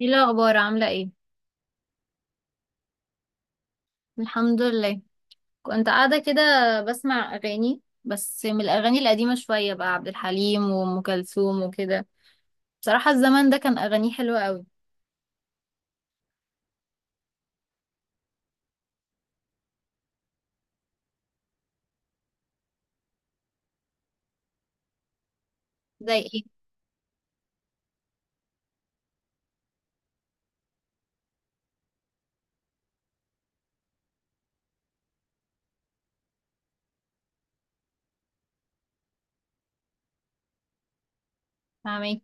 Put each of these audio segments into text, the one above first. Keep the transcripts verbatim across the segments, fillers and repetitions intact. ايه الاخبار عامله ايه؟ الحمد لله. كنت قاعده كده بسمع اغاني، بس من الاغاني القديمه شويه، بقى عبد الحليم وام كلثوم وكده. بصراحه الزمن ده كان اغانيه حلوه قوي. زي ايه؟ فاهمين.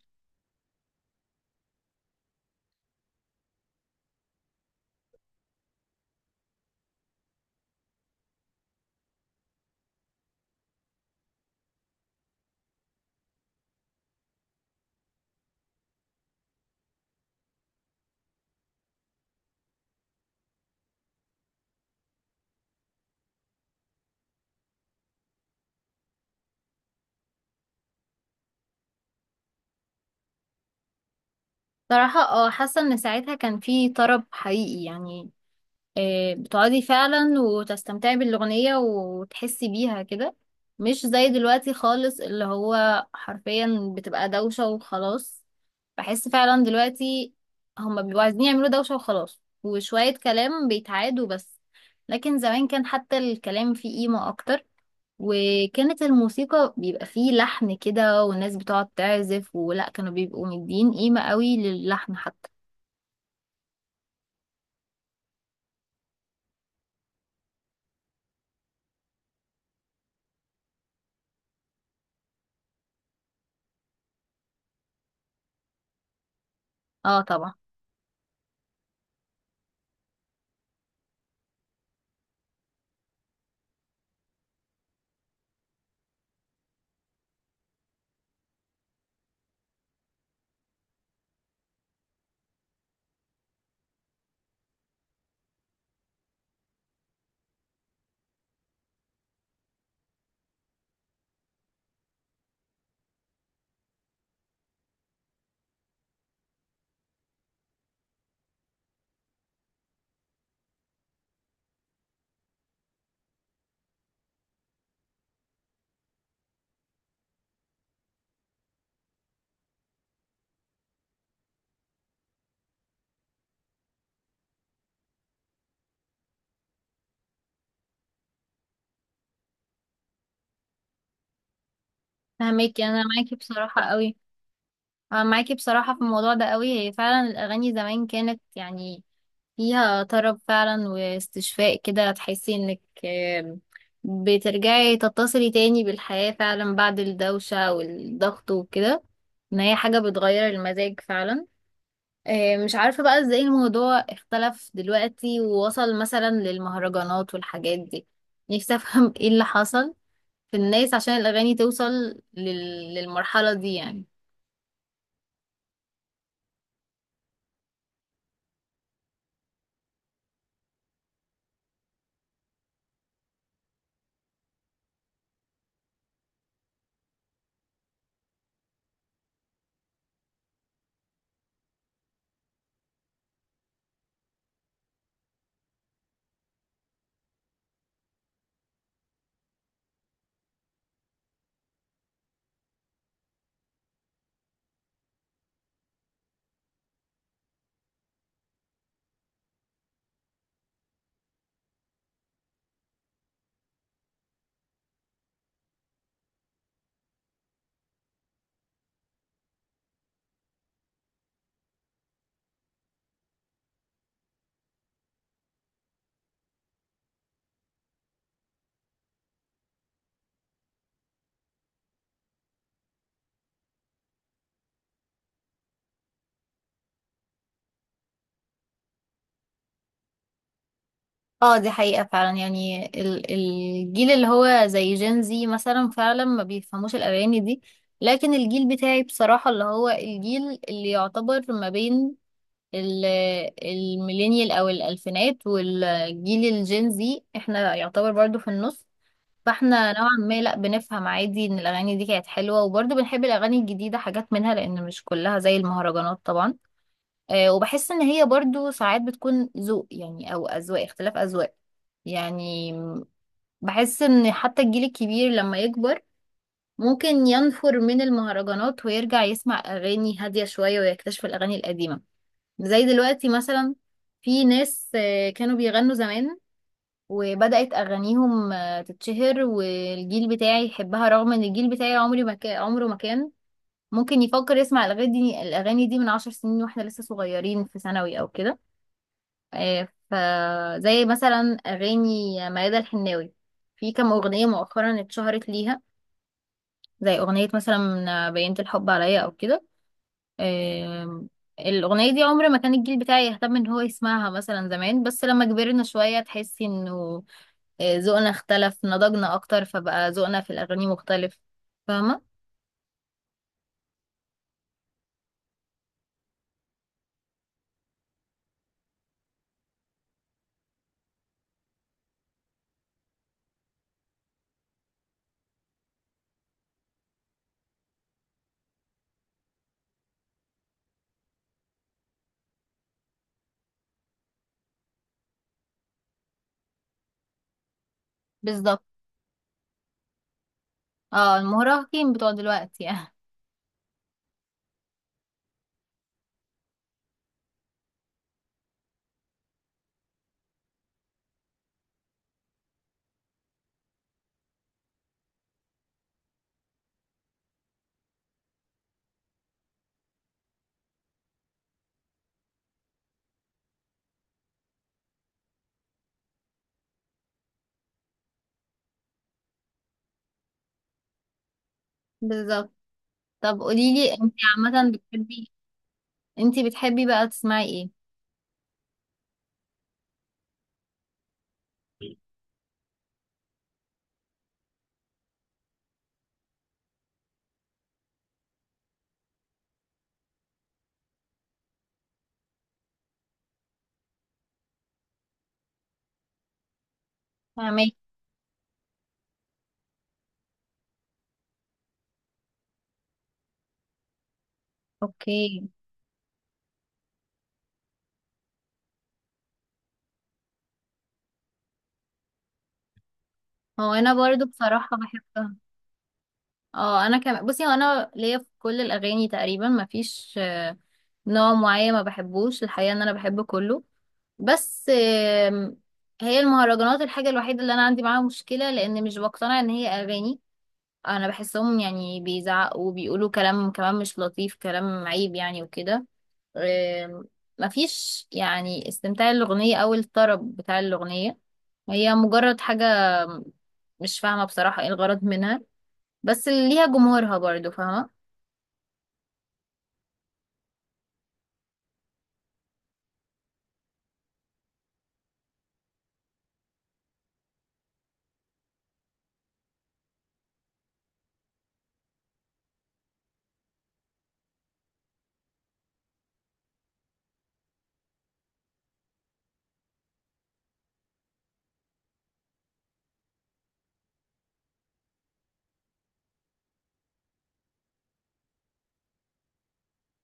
بصراحه اه حاسه ان ساعتها كان في طرب حقيقي يعني. آه، بتقعدي فعلا وتستمتعي بالأغنية وتحسي بيها كده. مش زي دلوقتي خالص، اللي هو حرفيا بتبقى دوشة وخلاص. بحس فعلا دلوقتي هما بيبقوا عايزين يعملوا دوشة وخلاص، وشوية كلام بيتعادوا بس. لكن زمان كان حتى الكلام فيه قيمة أكتر. وكانت الموسيقى بيبقى فيه لحن كده، والناس بتقعد تعزف، ولا كانوا بيبقوا مدين قيمة قوي للحن حتى. اه طبعا. فهماكي، انا معاكي بصراحة قوي. أنا معاكي بصراحة في الموضوع ده قوي، هي فعلا الأغاني زمان كانت يعني فيها طرب فعلا واستشفاء كده، تحسي إنك آم، بترجعي تتصلي تاني بالحياة فعلا بعد الدوشة والضغط وكده. إن هي حاجة بتغير المزاج فعلا. آه، مش عارفة بقى إزاي الموضوع اختلف دلوقتي ووصل مثلا للمهرجانات والحاجات دي. نفسي أفهم إيه اللي حصل في الناس عشان الأغاني توصل لل- للمرحلة دي يعني. اه دي حقيقة فعلا، يعني ال- الجيل اللي هو زي جين، زي مثلا فعلا ما بيفهموش الأغاني دي. لكن الجيل بتاعي بصراحة، اللي هو الجيل اللي يعتبر ما بين ال- الميلينيال أو الألفينات، والجيل الجين زي احنا يعتبر برضو في النص. فاحنا نوعا ما لا بنفهم عادي ان الأغاني دي كانت حلوة، وبرضو بنحب الأغاني الجديدة حاجات منها، لأن مش كلها زي المهرجانات طبعا. آه، وبحس ان هي برضو ساعات بتكون ذوق يعني، او اذواق، اختلاف اذواق. يعني م- بحس ان حتى الجيل الكبير لما يكبر، ممكن ينفر من المهرجانات ويرجع يسمع اغاني هادية شوية، ويكتشف الاغاني القديمة. زي دلوقتي مثلا في ناس آه، كانوا بيغنوا زمان، وبدأت اغانيهم آه، تتشهر والجيل بتاعي يحبها، رغم ان الجيل بتاعي عمري ما كان، عمره ما كان ممكن يفكر يسمع الاغاني دي الاغاني دي من عشر سنين، واحنا لسه صغيرين في ثانوي او كده. آه، فزي مثلا أغاني ميادة الحناوي، في كام أغنية مؤخرا اتشهرت ليها، زي أغنية مثلا بينت الحب عليا أو كده. آم، الأغنية دي عمر ما كان الجيل بتاعي يهتم إن هو يسمعها مثلا زمان، بس لما كبرنا شوية تحسي إنه آه، ذوقنا اختلف، نضجنا أكتر، فبقى ذوقنا في الأغاني مختلف. فاهمة؟ بالظبط. اه المراهقين بتوع دلوقتي يعني. بالظبط. طب قوليلي، انتي عامة بتحبي انتي بتحبي بقى تسمعي ايه؟ فاهمك. اوكي. هو انا برضو بصراحة بحبها. اه انا كمان، بصي هو انا ليا في كل الاغاني تقريبا مفيش آه، نوع معين ما بحبوش، الحقيقة ان انا بحب كله. بس آم، هي المهرجانات الحاجة الوحيدة اللي انا عندي معاها مشكلة، لان مش بقتنع ان هي اغاني. انا بحسهم يعني بيزعقوا وبيقولوا كلام كمان مش لطيف، كلام عيب يعني وكده. آم، مفيش يعني استمتاع الأغنية أو الطرب بتاع الأغنية، هي مجرد حاجة، مش فاهمة بصراحة ايه الغرض منها. بس ليها جمهورها برضو، فاهمة؟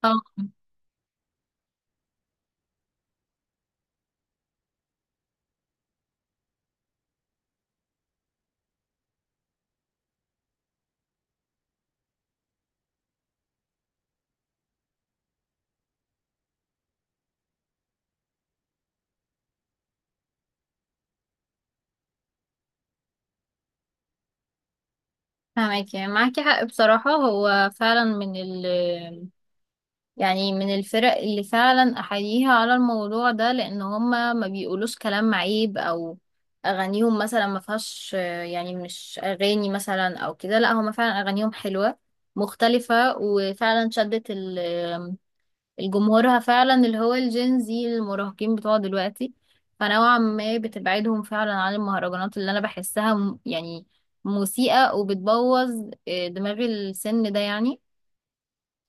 اه فاهمك، يعني معاكي حق بصراحة، هو فعلا من ال يعني من الفرق اللي فعلا احييها على الموضوع ده، لان هما ما بيقولوش كلام عيب، او اغانيهم مثلا ما فيهاش آه، يعني مش اغاني مثلا او كده، لا هما فعلا اغانيهم حلوة مختلفة، وفعلا شدت ال- آم، الجمهورها فعلا، اللي هو الجينزي المراهقين بتوع دلوقتي. فنوعا ما بتبعدهم فعلا عن المهرجانات، اللي انا بحسها م- يعني مسيئة، وبتبوظ آه، دماغ السن ده يعني.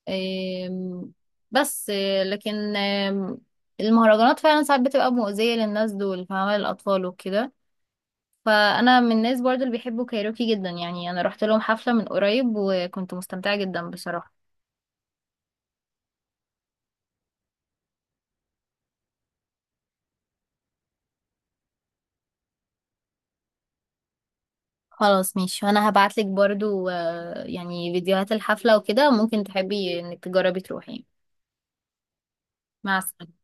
آم، بس آه، لكن آم، المهرجانات فعلا ساعات بتبقى مؤذية للناس دول، فاهمة؟ للأطفال وكده. فأنا من الناس برضو اللي بيحبوا كايروكي جدا، يعني أنا رحت لهم حفلة من قريب، وكنت مستمتعة جدا بصراحة. خلاص ماشي، وأنا هبعتلك برضو آه، يعني فيديوهات الحفلة وكده، ممكن تحبي إنك تجربي تروحي. مع السلامة.